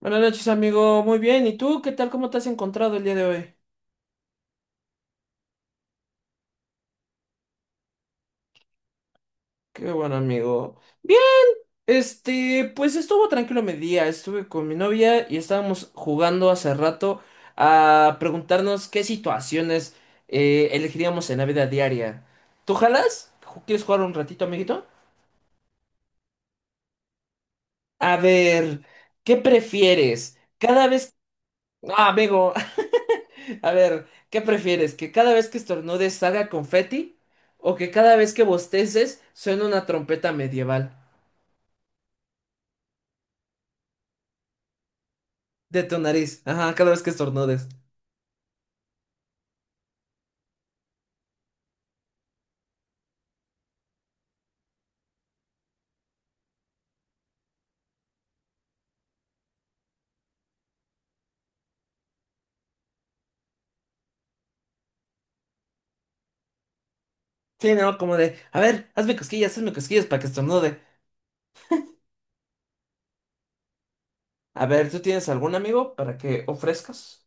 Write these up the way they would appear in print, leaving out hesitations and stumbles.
Buenas noches, amigo. Muy bien. ¿Y tú qué tal? ¿Cómo te has encontrado el día de hoy? Qué bueno, amigo. Bien. Este, pues estuvo tranquilo mi día. Estuve con mi novia y estábamos jugando hace rato a preguntarnos qué situaciones elegiríamos en la vida diaria. ¿Tú jalas? ¿Quieres jugar un ratito, amiguito? A ver, ¿qué prefieres? Cada vez... Ah, amigo. A ver, ¿qué prefieres? ¿Que cada vez que estornudes salga confeti? ¿O que cada vez que bosteces suene una trompeta medieval? De tu nariz, ajá, cada vez que estornudes. Sí, ¿no? Como de, a ver, hazme cosquillas para que estornude. A ver, ¿tú tienes algún amigo para que ofrezcas?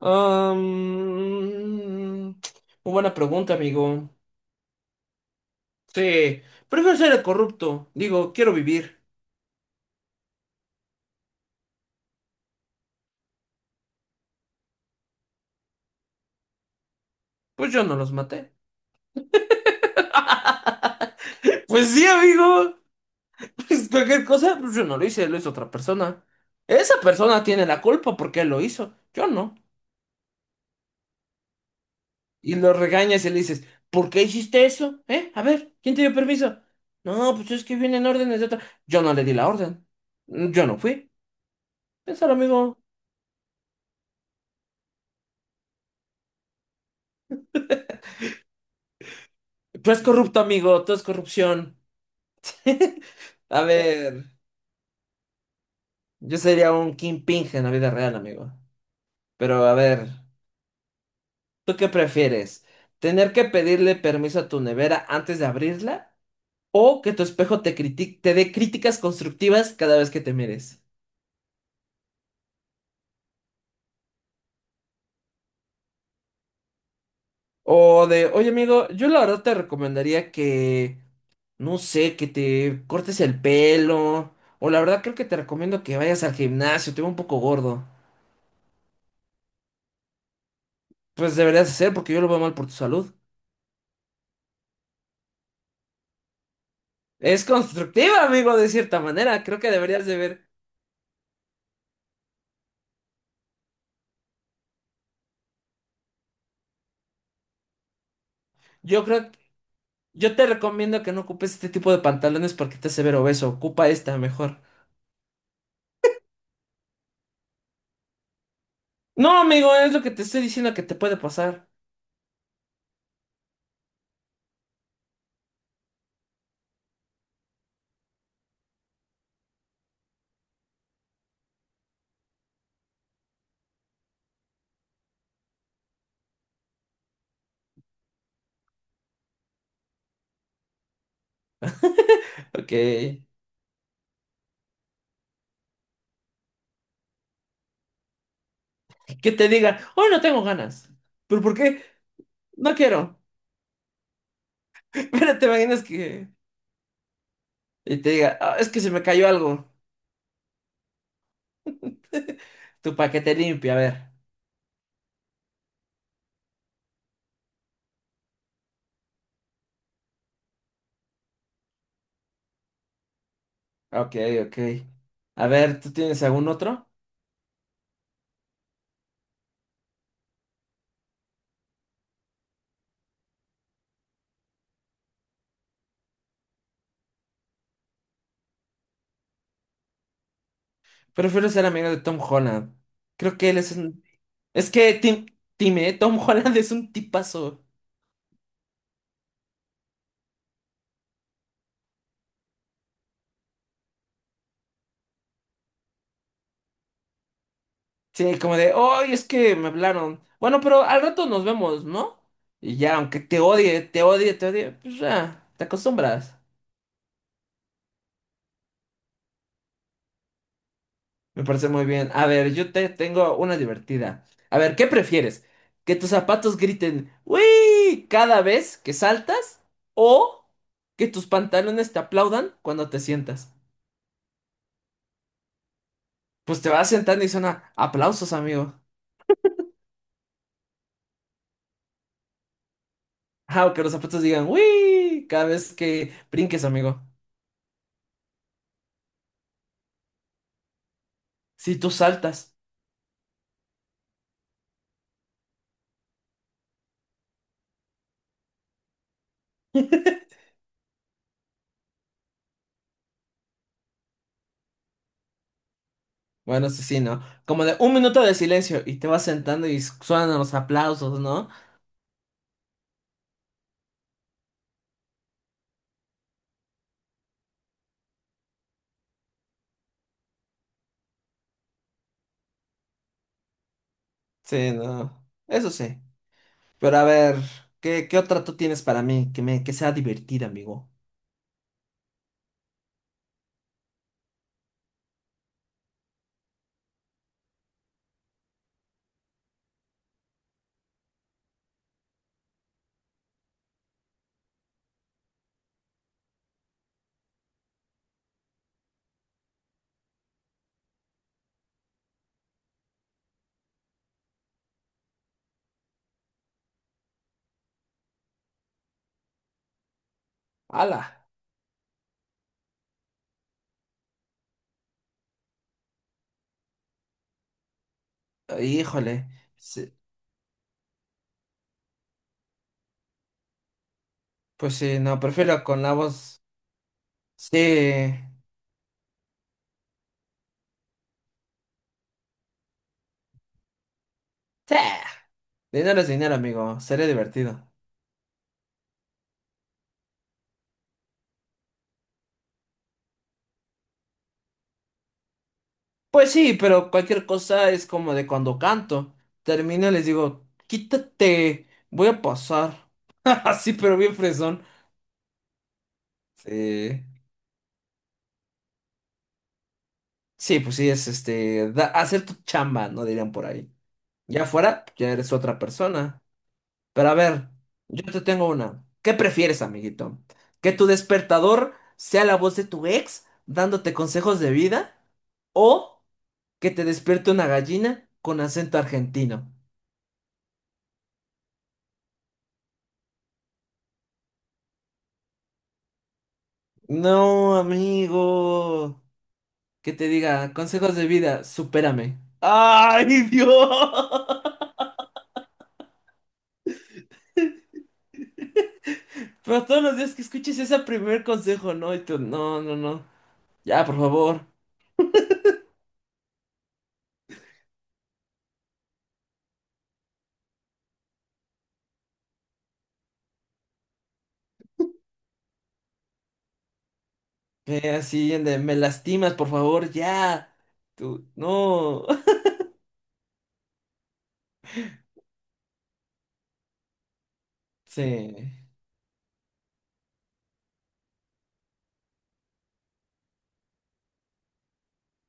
Um, muy buena pregunta, amigo. Sí, prefiero ser el corrupto. Digo, quiero vivir. Pues yo no los maté. Pues sí, amigo. Pues cualquier cosa, pues yo no lo hice, lo hizo otra persona. Esa persona tiene la culpa porque él lo hizo, yo no. Y lo regañas y le dices, ¿por qué hiciste eso? ¿Eh? A ver, ¿quién te dio permiso? No, pues es que vienen órdenes de otra. Yo no le di la orden. Yo no fui. Piénsalo, amigo. Tú eres corrupto, amigo. Tú es corrupción. A ver, yo sería un kingpin en la vida real, amigo. Pero a ver, ¿tú qué prefieres? ¿Tener que pedirle permiso a tu nevera antes de abrirla? O que tu espejo te critique, te dé críticas constructivas cada vez que te mires. O de, oye amigo, yo la verdad te recomendaría que, no sé, que te cortes el pelo. O la verdad creo que te recomiendo que vayas al gimnasio, te veo un poco gordo. Pues deberías hacer porque yo lo veo mal por tu salud. Es constructiva, amigo, de cierta manera. Creo que deberías de ver. Yo creo, yo te recomiendo que no ocupes este tipo de pantalones porque te hace ver obeso. Ocupa esta mejor. No, amigo, es lo que te estoy diciendo que te puede pasar. Ok. Que te digan, hoy no tengo ganas. ¿Pero por qué? No quiero. Pero te imaginas que... Y te diga, "Ah, es que se me cayó algo. Tu paquete limpio, a ver. Ok, ok. A ver, ¿tú tienes algún otro? Prefiero ser amigo de Tom Holland. Creo que él es un... Es que Tom Holland es un tipazo. Sí, como de, hoy es que me hablaron. Bueno, pero al rato nos vemos, ¿no? Y ya, aunque te odie, te odie, te odie, pues ya, te acostumbras. Me parece muy bien. A ver, yo te tengo una divertida. A ver, ¿qué prefieres? ¿Que tus zapatos griten ¡Uy! Cada vez que saltas o que tus pantalones te aplaudan cuando te sientas? Pues te vas sentando y suena aplausos, amigo. Ah, o que los zapatos digan ¡Uy! Cada vez que brinques, amigo. Si tú saltas. Bueno, eso sí, ¿no? Como de un minuto de silencio y te vas sentando y suenan los aplausos, ¿no? Sí, no. Eso sí. Pero a ver, ¿qué, qué otra tú tienes para mí que me que sea divertida, amigo? ¡Hala! Híjole. Sí, pues sí, no, prefiero con la voz. Sí. Sí. Dinero es dinero, amigo. Sería divertido. Pues sí, pero cualquier cosa es como de cuando canto. Termino y les digo, quítate, voy a pasar. Así, pero bien fresón. Sí. Sí, pues sí, es este, hacer tu chamba, no dirían por ahí. Ya afuera, ya eres otra persona. Pero a ver, yo te tengo una. ¿Qué prefieres, amiguito? ¿Que tu despertador sea la voz de tu ex dándote consejos de vida? ¿O que te despierte una gallina con acento argentino? No, amigo. Que te diga, consejos de vida, supérame. ¡Ay, Dios! Pero todos los días que escuches ese primer consejo, ¿no? Y tú, no, no, no. Ya, por favor. Ve así, ande, me lastimas, por favor, ya. Tú, no. Sí.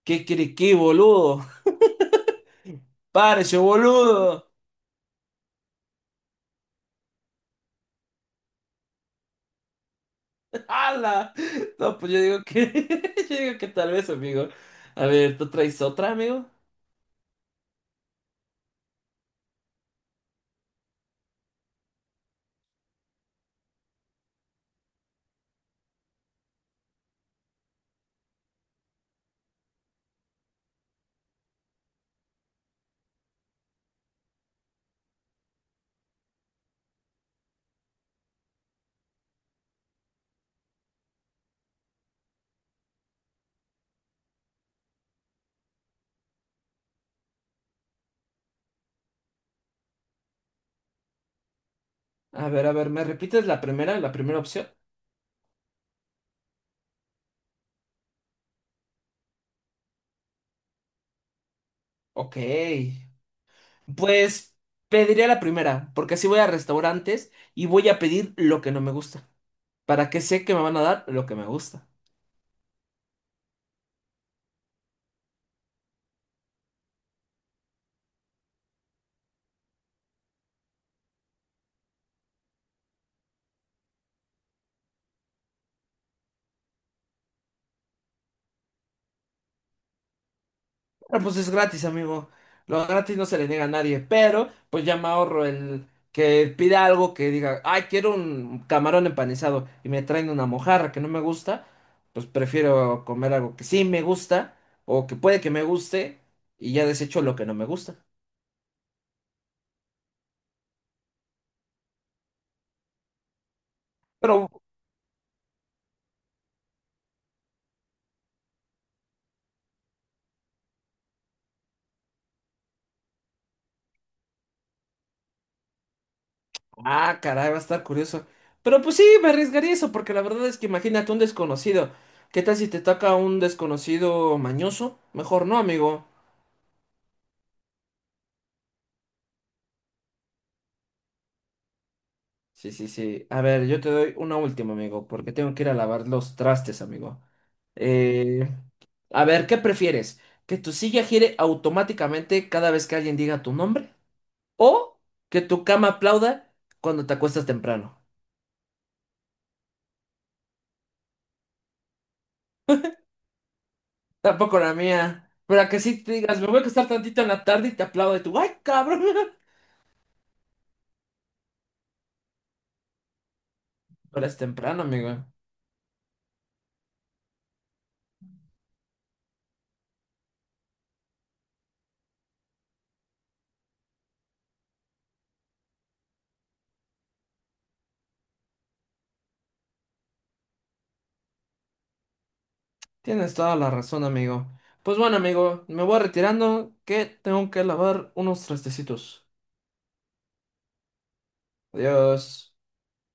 ¿Qué crees qué, boludo? ¡Párese, boludo! ¡Hala! No, pues yo digo que, yo digo que tal vez, amigo. A ver, ¿tú traes otra, amigo? A ver, ¿me repites la primera opción? Ok. Pues pediría la primera, porque así voy a restaurantes y voy a pedir lo que no me gusta, para que sé que me van a dar lo que me gusta. Ah, pues es gratis, amigo. Lo gratis no se le niega a nadie, pero pues ya me ahorro el que pida algo que diga, ay, quiero un camarón empanizado y me traen una mojarra que no me gusta, pues prefiero comer algo que sí me gusta o que puede que me guste y ya desecho lo que no me gusta. Pero, ah, caray, va a estar curioso. Pero pues sí, me arriesgaría eso porque la verdad es que imagínate un desconocido. ¿Qué tal si te toca un desconocido mañoso? Mejor no, amigo. Sí, sí, sí. A ver, yo te doy una última, amigo, porque tengo que ir a lavar los trastes, amigo. Eh, a ver, ¿qué prefieres? ¿Que tu silla gire automáticamente cada vez que alguien diga tu nombre? ¿O que tu cama aplauda cuando te acuestas temprano? Tampoco la mía. Pero a que sí te digas, me voy a acostar tantito en la tarde y te aplaudo y tú, ¡ay, cabrón! Pero es temprano, amigo. Tienes toda la razón, amigo. Pues bueno, amigo, me voy retirando que tengo que lavar unos trastecitos. Adiós.